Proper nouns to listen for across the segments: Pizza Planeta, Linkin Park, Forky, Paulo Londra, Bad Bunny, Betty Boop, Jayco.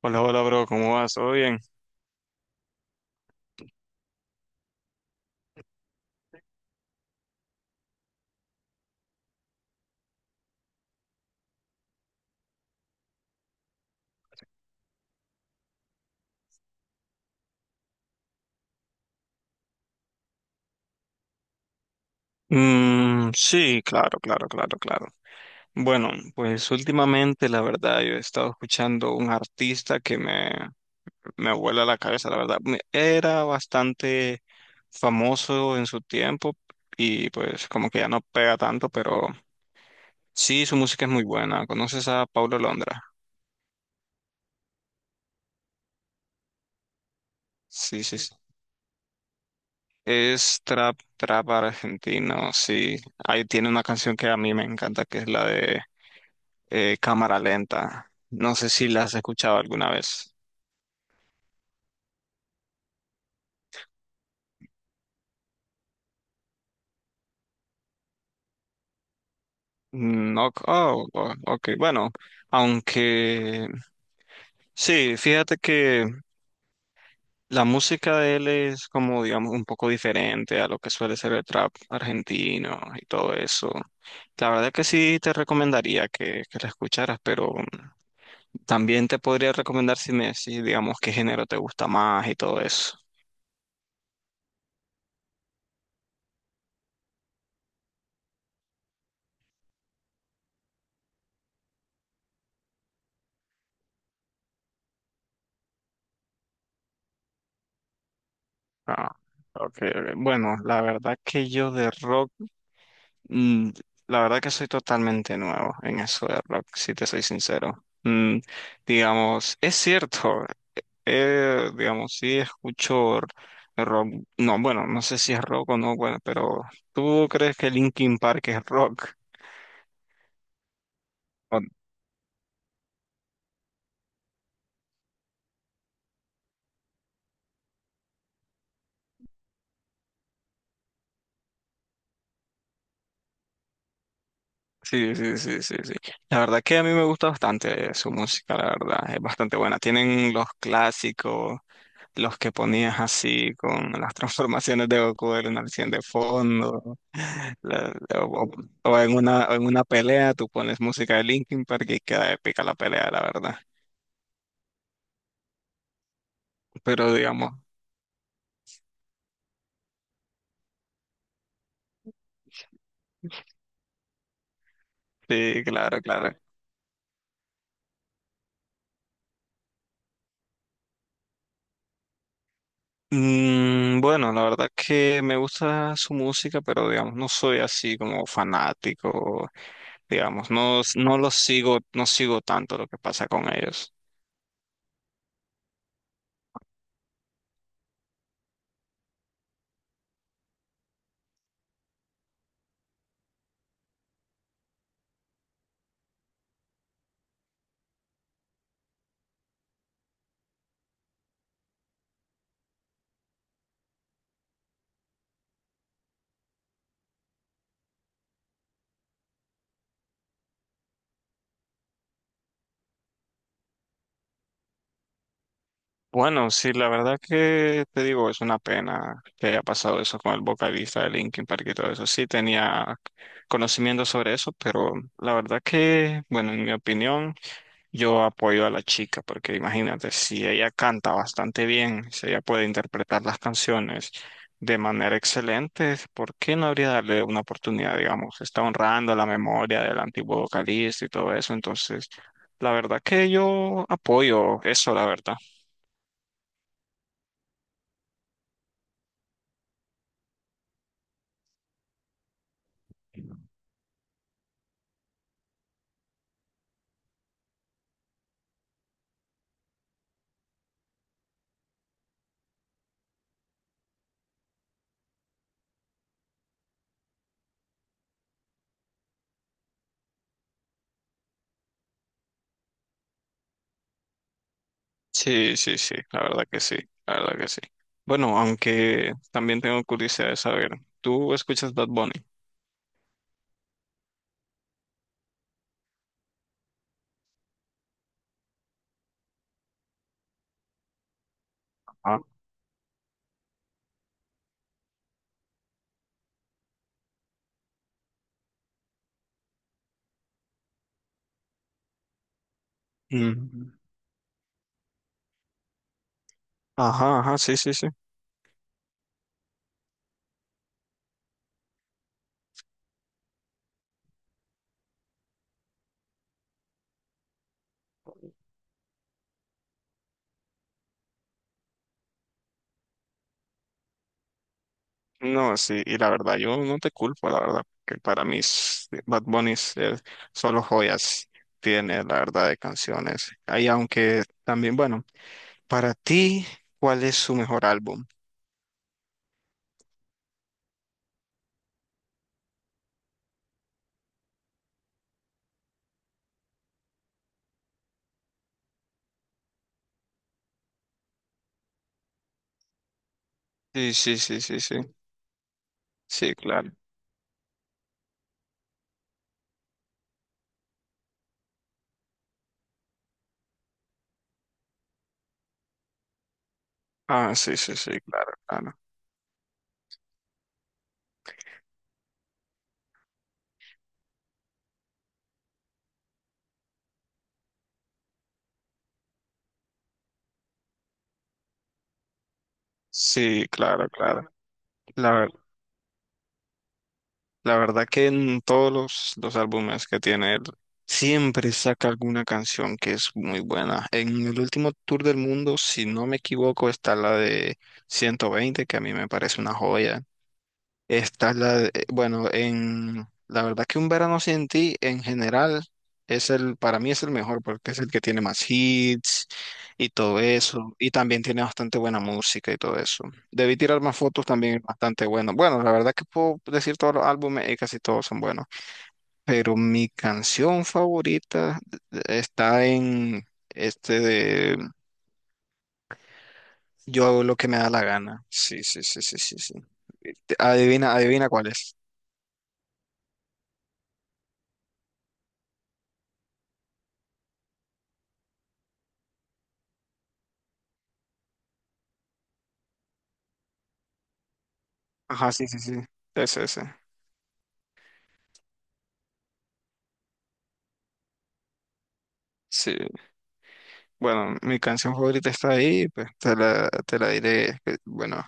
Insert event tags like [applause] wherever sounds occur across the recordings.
Hola, hola, bro, ¿cómo vas? ¿Todo bien? Sí, claro, claro, claro, claro. Bueno, pues últimamente, la verdad, yo he estado escuchando un artista que me vuela la cabeza, la verdad. Me- Era bastante famoso en su tiempo y pues como que ya no pega tanto, pero sí, su música es muy buena. ¿Conoces a Paulo Londra? Sí, sí, sí. Es trap argentino, sí. Ahí tiene una canción que a mí me encanta, que es la de cámara lenta. No sé si las has escuchado alguna vez. No, oh, oh, ok, bueno, aunque sí, fíjate que la música de él es como, digamos, un poco diferente a lo que suele ser el trap argentino y todo eso. La verdad que sí te recomendaría que la escucharas, pero también te podría recomendar si me decís, digamos, qué género te gusta más y todo eso. Ah, ok, ok. Bueno, la verdad que yo de rock. Mm, la verdad que soy totalmente nuevo en eso de rock, si te soy sincero. Digamos, es cierto, digamos, rock, no, bueno, no sé si es rock o no, bueno, pero ¿tú crees que Linkin Park es rock? O- sí, sí, sí, sí, sí. La verdad que a mí me gusta bastante su música, la verdad, es bastante buena. Tienen los clásicos. Los que ponías así con las [laughs] transformaciones de Goku en una acción de fondo, la- o, o en o en una pelea tú pones música de Linkin Park y queda épica la pelea, la verdad. Pero digamos, sí, claro, claro. Bueno, la verdad que me gusta su música, pero digamos, no soy así como fanático, digamos, no lo sigo, no sigo tanto lo que pasa con ellos. Bueno, sí, la verdad que te digo, es una pena que haya pasado eso con el vocalista de Linkin Park y todo eso. Sí, tenía conocimiento sobre eso, pero la verdad que, bueno, en mi opinión, yo apoyo a la chica, porque imagínate, si ella canta bastante bien, si ella puede interpretar las canciones de manera excelente, ¿por qué no habría darle una oportunidad, digamos? Está honrando la memoria del antiguo vocalista y todo eso, entonces, la verdad que yo apoyo eso, la verdad. Sí, sí, sí, la verdad que sí, la verdad que sí. Bueno, aunque también tengo curiosidad de saber, ¿tú escuchas Bad Bunny? Ah. Mm. Ajá, ajá, sí, sí, sí. No, sí, y la verdad, yo no te culpo, la verdad, que para mí s- Bad Bunny es- solo joyas tiene, la verdad, de canciones. Ahí, aunque también, bueno, para ti, ¿cuál es su mejor álbum? Sí, sí, sí, sí, sí, sí, claro. Ah, sí, sí, sí, claro, claro. Sí, claro, claro. La verdad. La verdad que en todos los álbumes que tiene él, siempre saca alguna canción que es muy buena. En el último tour del mundo, si no me equivoco, está la de 120, que a mí me parece una joya. Esta es bueno, en la verdad que un verano sin ti en general es para mí es el mejor porque es el que tiene más hits y todo eso. Y también tiene bastante buena música y todo eso. Debí tirar más fotos también es bastante bueno. Bueno, la verdad que puedo decir todos los álbumes y casi todos son buenos. Pero mi canción favorita está en este de Yo hago lo que me da la gana. Sí, sí, sí, sí, sí, sí. Adivina, adivina cuál es. Ajá, sí, sí, sí. Ese, ese. Sí, bueno, mi canción favorita está ahí, pues te te la diré. Bueno,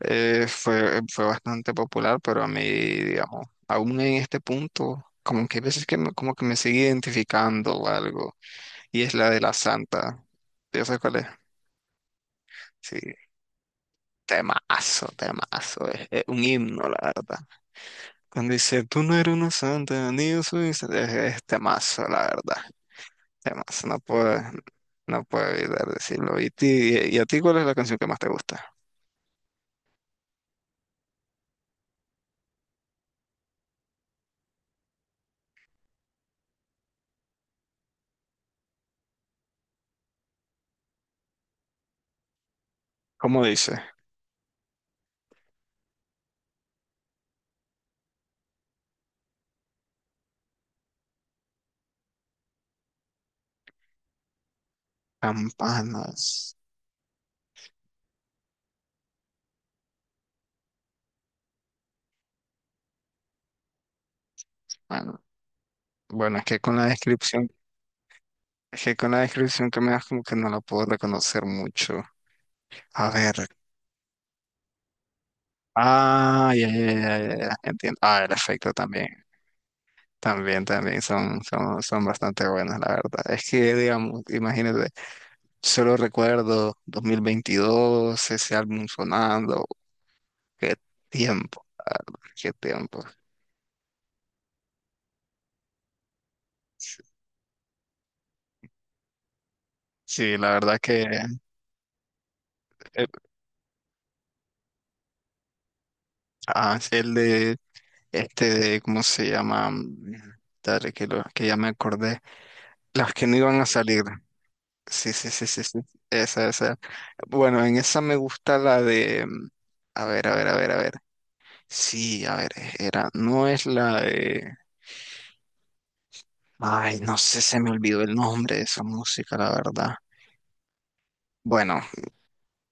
fue bastante popular, pero a mí, digamos, aún en este punto, como que hay veces que como que me sigue identificando o algo, y es la de la Santa. ¿Ya sabes cuál es? Sí, temazo, temazo, es un himno, la verdad. Cuando dice, tú no eres una santa, ni yo soy, un santa", es temazo, la verdad. Además, no puedo, no puedo evitar decirlo. ¿Y, ti- y a ti cuál es la canción que más te gusta? ¿Cómo dice? Campanas. Bueno, bueno, es que con la descripción, es que con la descripción que me das como que no la puedo reconocer mucho. A ver. Ah, ya, ya, ya, ya, ya, entiendo. Ah, el efecto también. También, también son bastante buenas, la verdad. Es que, digamos, imagínate, solo recuerdo 2022, ese álbum sonando, qué tiempo, la verdad, qué tiempo. Sí, sí, la verdad que eh, sí, el de, ¿cómo se llama? Dale, que ya me acordé, las que no iban a salir. Sí, sí, sí, sí, sí, esa, esa. Bueno, en esa me gusta la a ver, a ver, a ver, a ver. Sí, a ver, era, no es la de... Ay, no sé, se me olvidó el nombre de esa música, la verdad. Bueno,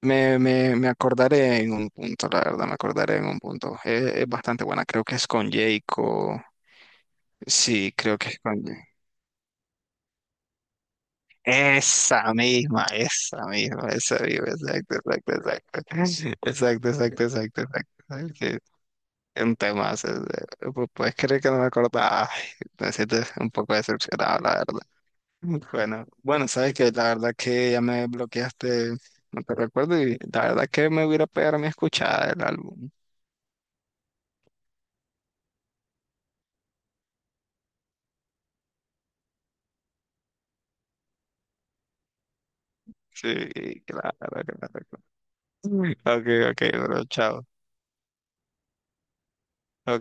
me acordaré en un punto, la verdad, me acordaré en un punto. Es bastante buena, creo que es con Jayco. Sí, creo que es con... Jay- Esa misma, esa misma, esa misma, exacto, exacto, exacto. Exacto, exacto, exacto, exacto. Exacto, sí. Un tema, puedes creer que no me acordaba. Ay, me siento un poco decepcionado, la verdad. Bueno, bueno, sabes que la verdad que ya me bloqueaste, no te recuerdo, y la verdad que me voy a ir a pegar mi escuchada del álbum. Sí, claro, claro, claro. Ok, ok, bro, chao. Ok.